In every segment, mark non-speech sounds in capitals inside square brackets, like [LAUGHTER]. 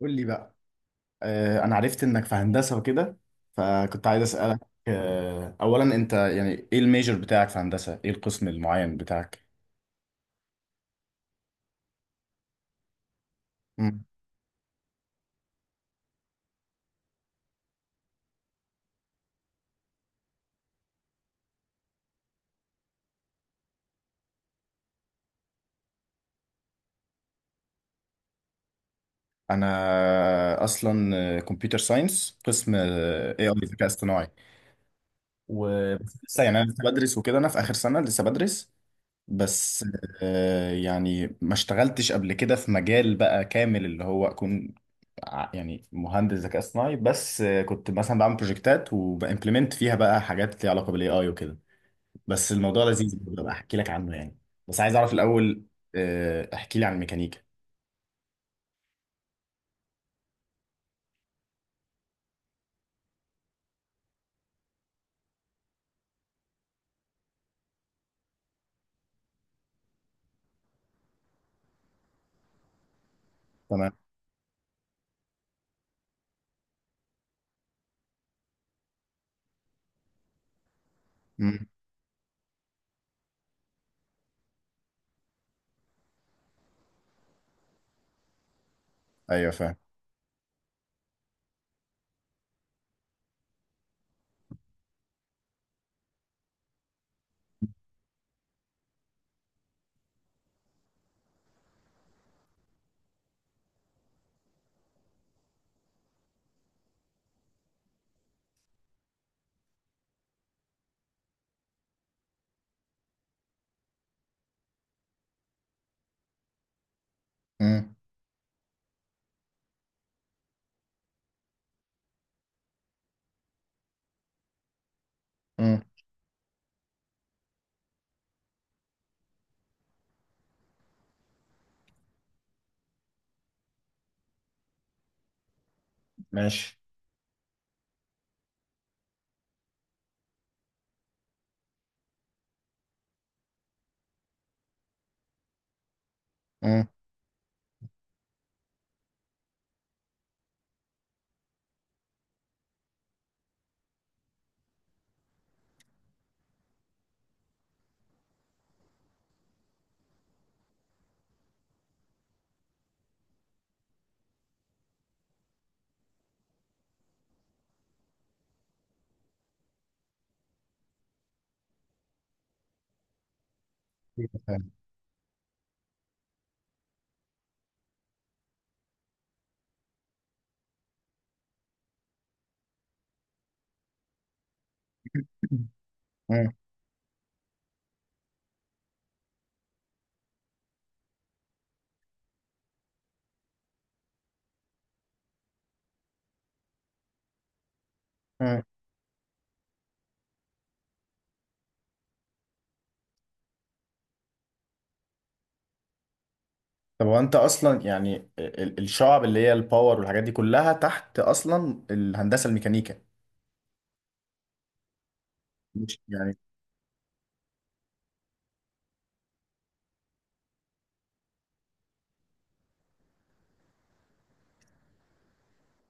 قول لي بقى. انا عرفت انك في هندسة وكده، فكنت عايز اسألك. اولا انت يعني ايه الميجر بتاعك في هندسة؟ ايه القسم المعين بتاعك؟ مم. انا اصلا كمبيوتر ساينس، قسم اي اي ذكاء اصطناعي. ولسه يعني انا لسه بدرس وكده، انا في اخر سنة لسه بدرس. بس يعني ما اشتغلتش قبل كده في مجال بقى كامل اللي هو اكون يعني مهندس ذكاء اصطناعي، بس كنت مثلا بعمل بروجكتات وبامبلمنت فيها بقى حاجات ليها علاقه بالاي اي وكده. بس الموضوع لذيذ برضه، بقى احكي لك عنه يعني. بس عايز اعرف الاول. احكي لي عن الميكانيكا. تمام. مم. ايوه فاهم. مم. مم. ماشي. مم. فاهم. مم. طب هو انت اصلا يعني الشعب اللي هي الباور والحاجات دي كلها تحت اصلا الهندسه الميكانيكا؟ مش يعني.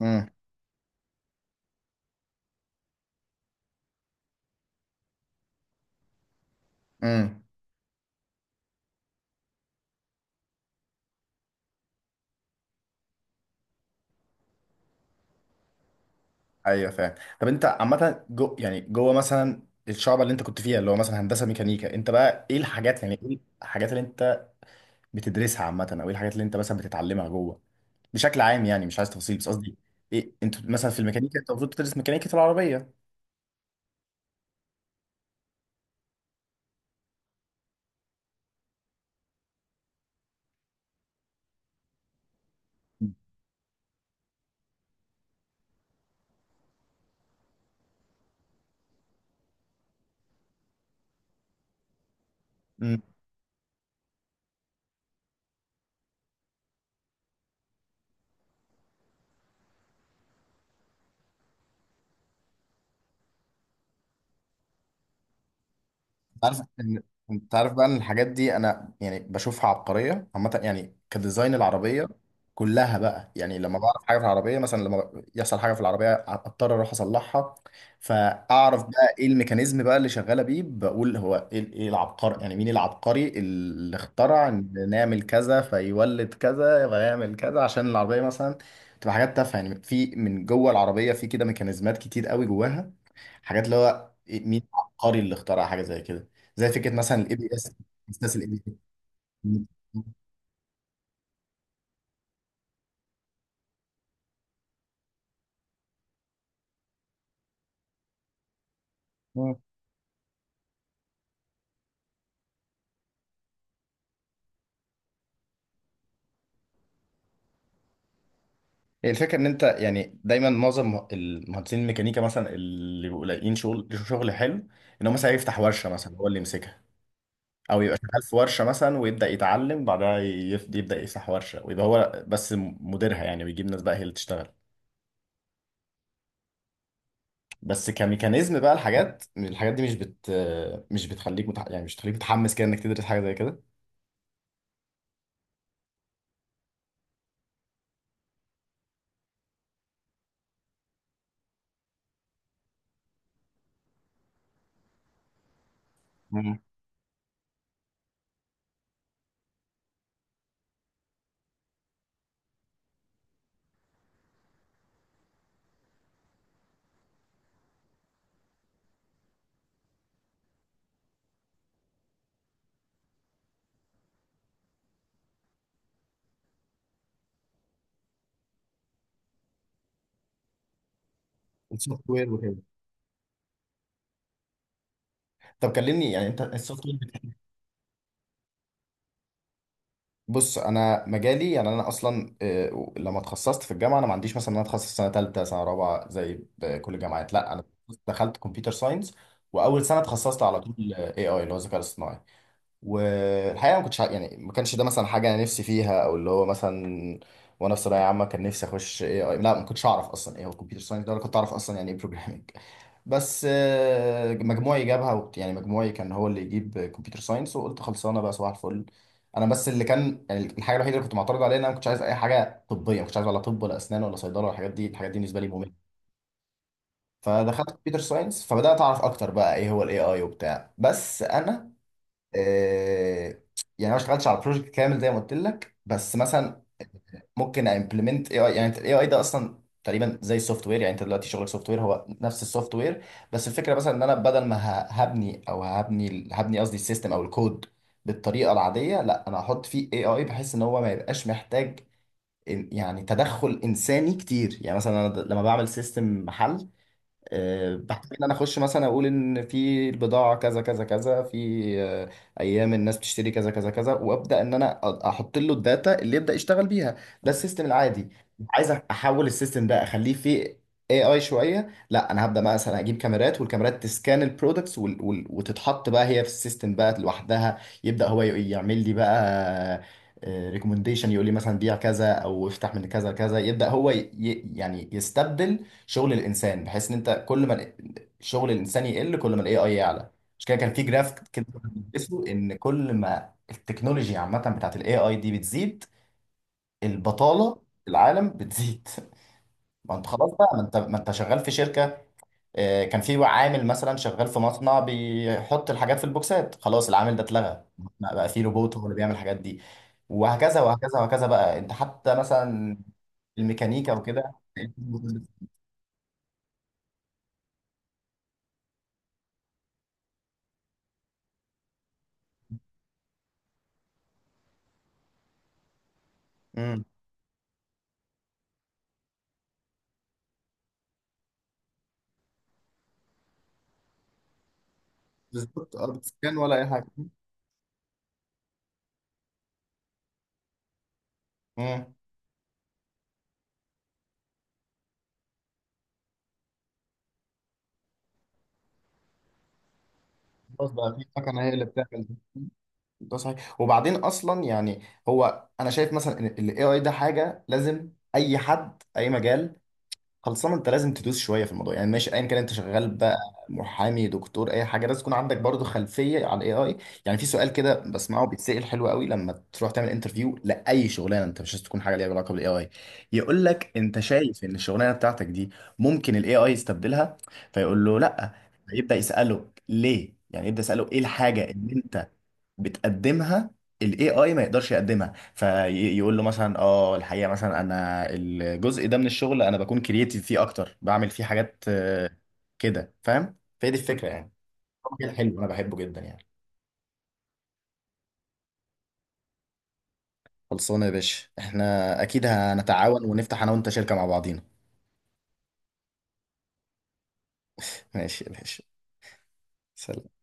امم. امم. ايوه فاهم. طب انت عامه جو يعني جوه مثلا الشعب اللي انت كنت فيها، اللي هو مثلا هندسه ميكانيكا، انت بقى ايه الحاجات يعني ايه الحاجات اللي انت بتدرسها عامه، او ايه الحاجات اللي انت مثلا بتتعلمها جوه بشكل عام؟ يعني مش عايز تفاصيل، بس قصدي ايه؟ انت مثلا في الميكانيكا انت المفروض تدرس ميكانيكا العربيه. عارف ان انت عارف بقى ان الحاجات دي انا يعني بشوفها عبقريه عامه، يعني كديزاين العربيه كلها بقى، يعني لما بعرف حاجه في العربيه، مثلا لما يحصل حاجه في العربيه اضطر اروح اصلحها، فاعرف بقى ايه الميكانيزم بقى اللي شغاله بيه، بقول هو ايه؟ ايه العبقري؟ يعني مين العبقري اللي اخترع ان نعمل كذا فيولد كذا فيعمل كذا عشان العربيه مثلا تبقى حاجات تافهه؟ يعني في من جوه العربيه في كده ميكانيزمات كتير قوي جواها، حاجات اللي هو مين العبقري اللي اخترع حاجه زي كده؟ زي فكره مثلا الاي بي اس. استاذ الاي بي اس. هي الفكره ان انت يعني دايما معظم المهندسين الميكانيكا مثلا اللي بيبقوا لاقيين شغل، شغل حلو، ان هو مثلا يفتح ورشه مثلا هو اللي يمسكها، او يبقى شغال في ورشه مثلا ويبدا يتعلم بعدها، يبدا يفتح ورشه ويبقى هو بس مديرها يعني، ويجيب ناس بقى هي اللي تشتغل. بس كميكانيزم بقى الحاجات الحاجات دي مش بت مش بتخليك يعني مش بتخليك متحمس كده انك تدرس حاجه زي كده. مم. السوفت وير وكده. طب كلمني يعني انت السوفت وير. بص، انا مجالي يعني انا اصلا، لما اتخصصت في الجامعه، انا ما عنديش مثلا ان انا اتخصص سنه ثالثه سنه رابعه زي كل الجامعات، لا انا دخلت كمبيوتر ساينس، واول سنه اتخصصت على طول اي اي اللي هو الذكاء الاصطناعي. والحقيقه ما كنتش يعني ما كانش ده مثلا حاجه انا نفسي فيها، او اللي هو مثلا وانا في ثانويه عامه كان نفسي اخش اي اي، لا ما كنتش اعرف اصلا ايه هو كمبيوتر ساينس ده، ولا كنت اعرف اصلا يعني ايه بروجرامنج. بس مجموعي جابها يعني مجموعي كان هو اللي يجيب كمبيوتر ساينس، وقلت خلصانه بقى صباح الفل. انا بس اللي كان يعني الحاجه الوحيده اللي كنت معترض عليها ان انا ما كنتش عايز اي حاجه طبيه، ما كنتش عايز ولا طب ولا اسنان ولا صيدله ولا الحاجات دي، الحاجات دي بالنسبه لي مهمه. فدخلت كمبيوتر ساينس، فبدات اعرف اكتر بقى ايه هو الاي اي وبتاع. بس انا، آه، يعني أنا ما اشتغلتش على بروجكت كامل زي ما قلت لك، بس مثلا ممكن امبلمنت اي اي. يعني الاي اي ده اصلا تقريبا زي السوفت وير، يعني انت دلوقتي شغلك سوفت وير، هو نفس السوفت وير، بس الفكره مثلا ان انا بدل ما ه- هبني او هبني هبني قصدي السيستم او الكود بالطريقه العاديه، لا انا هحط فيه اي اي بحيث ان هو ما يبقاش محتاج يعني تدخل انساني كتير. يعني مثلا انا لما بعمل سيستم محل، بحتاج ان انا اخش مثلا اقول ان في البضاعه كذا كذا كذا، في آه، ايام الناس بتشتري كذا كذا كذا، وابدا ان انا احط له الداتا اللي يبدا يشتغل بيها. ده السيستم العادي. عايز احول السيستم ده اخليه فيه اي اي شويه، لا انا هبدا مثلا اجيب كاميرات، والكاميرات تسكان البرودكتس وتتحط بقى هي في السيستم بقى لوحدها، يبدا هو يعمل لي بقى ريكومنديشن، يقول لي مثلا بيع كذا او افتح من كذا كذا، يبدا هو يعني يستبدل شغل الانسان، بحيث ان انت كل ما شغل الانسان يقل كل ما الاي اي يعلى. مش كده كان في جراف كده بندرسه ان كل ما التكنولوجيا عامه بتاعت الاي اي دي بتزيد، البطاله في العالم بتزيد؟ [LAUGHS] ما انت خلاص بقى، ما انت شغال في شركه. كان في عامل مثلا شغال في مصنع بيحط الحاجات في البوكسات، خلاص العامل ده اتلغى، بقى في روبوت هو اللي بيعمل الحاجات دي. وهكذا وهكذا وهكذا بقى انت حتى مثلا الميكانيكا وكده. [LAUGHS] بالظبط، ارض سكان ولا اي حاجه. مم. خلاص بقى في مكنه هي اللي بتعمل ده. ده صحيح. وبعدين اصلا يعني هو انا شايف مثلا ان الاي اي ده حاجه لازم، اي حد اي مجال خلصان انت لازم تدوس شويه في الموضوع. يعني ماشي ايا كان انت شغال بقى محامي، دكتور، اي حاجه، لازم يكون عندك برضو خلفيه على الاي اي. يعني في سؤال كده بسمعه بيتسال، حلو قوي، لما تروح تعمل انترفيو لاي شغلانه انت مش عايز تكون حاجه ليها علاقه بالاي اي، يقول لك انت شايف ان الشغلانه بتاعتك دي ممكن الاي اي يستبدلها؟ فيقول له لا. فيبدا يساله ليه، يعني يبدا يساله ايه الحاجه اللي انت بتقدمها الاي اي ما يقدرش يقدمها. فيقول له مثلا اه الحقيقه مثلا انا الجزء ده من الشغل انا بكون كرييتيف فيه اكتر، بعمل فيه حاجات كده فاهم؟ فهي دي الفكره يعني. كده حلو، انا بحبه جدا يعني. خلصانه يا باشا، احنا اكيد هنتعاون ونفتح انا وانت شركه مع بعضينا. ماشي يا باشا. سلام.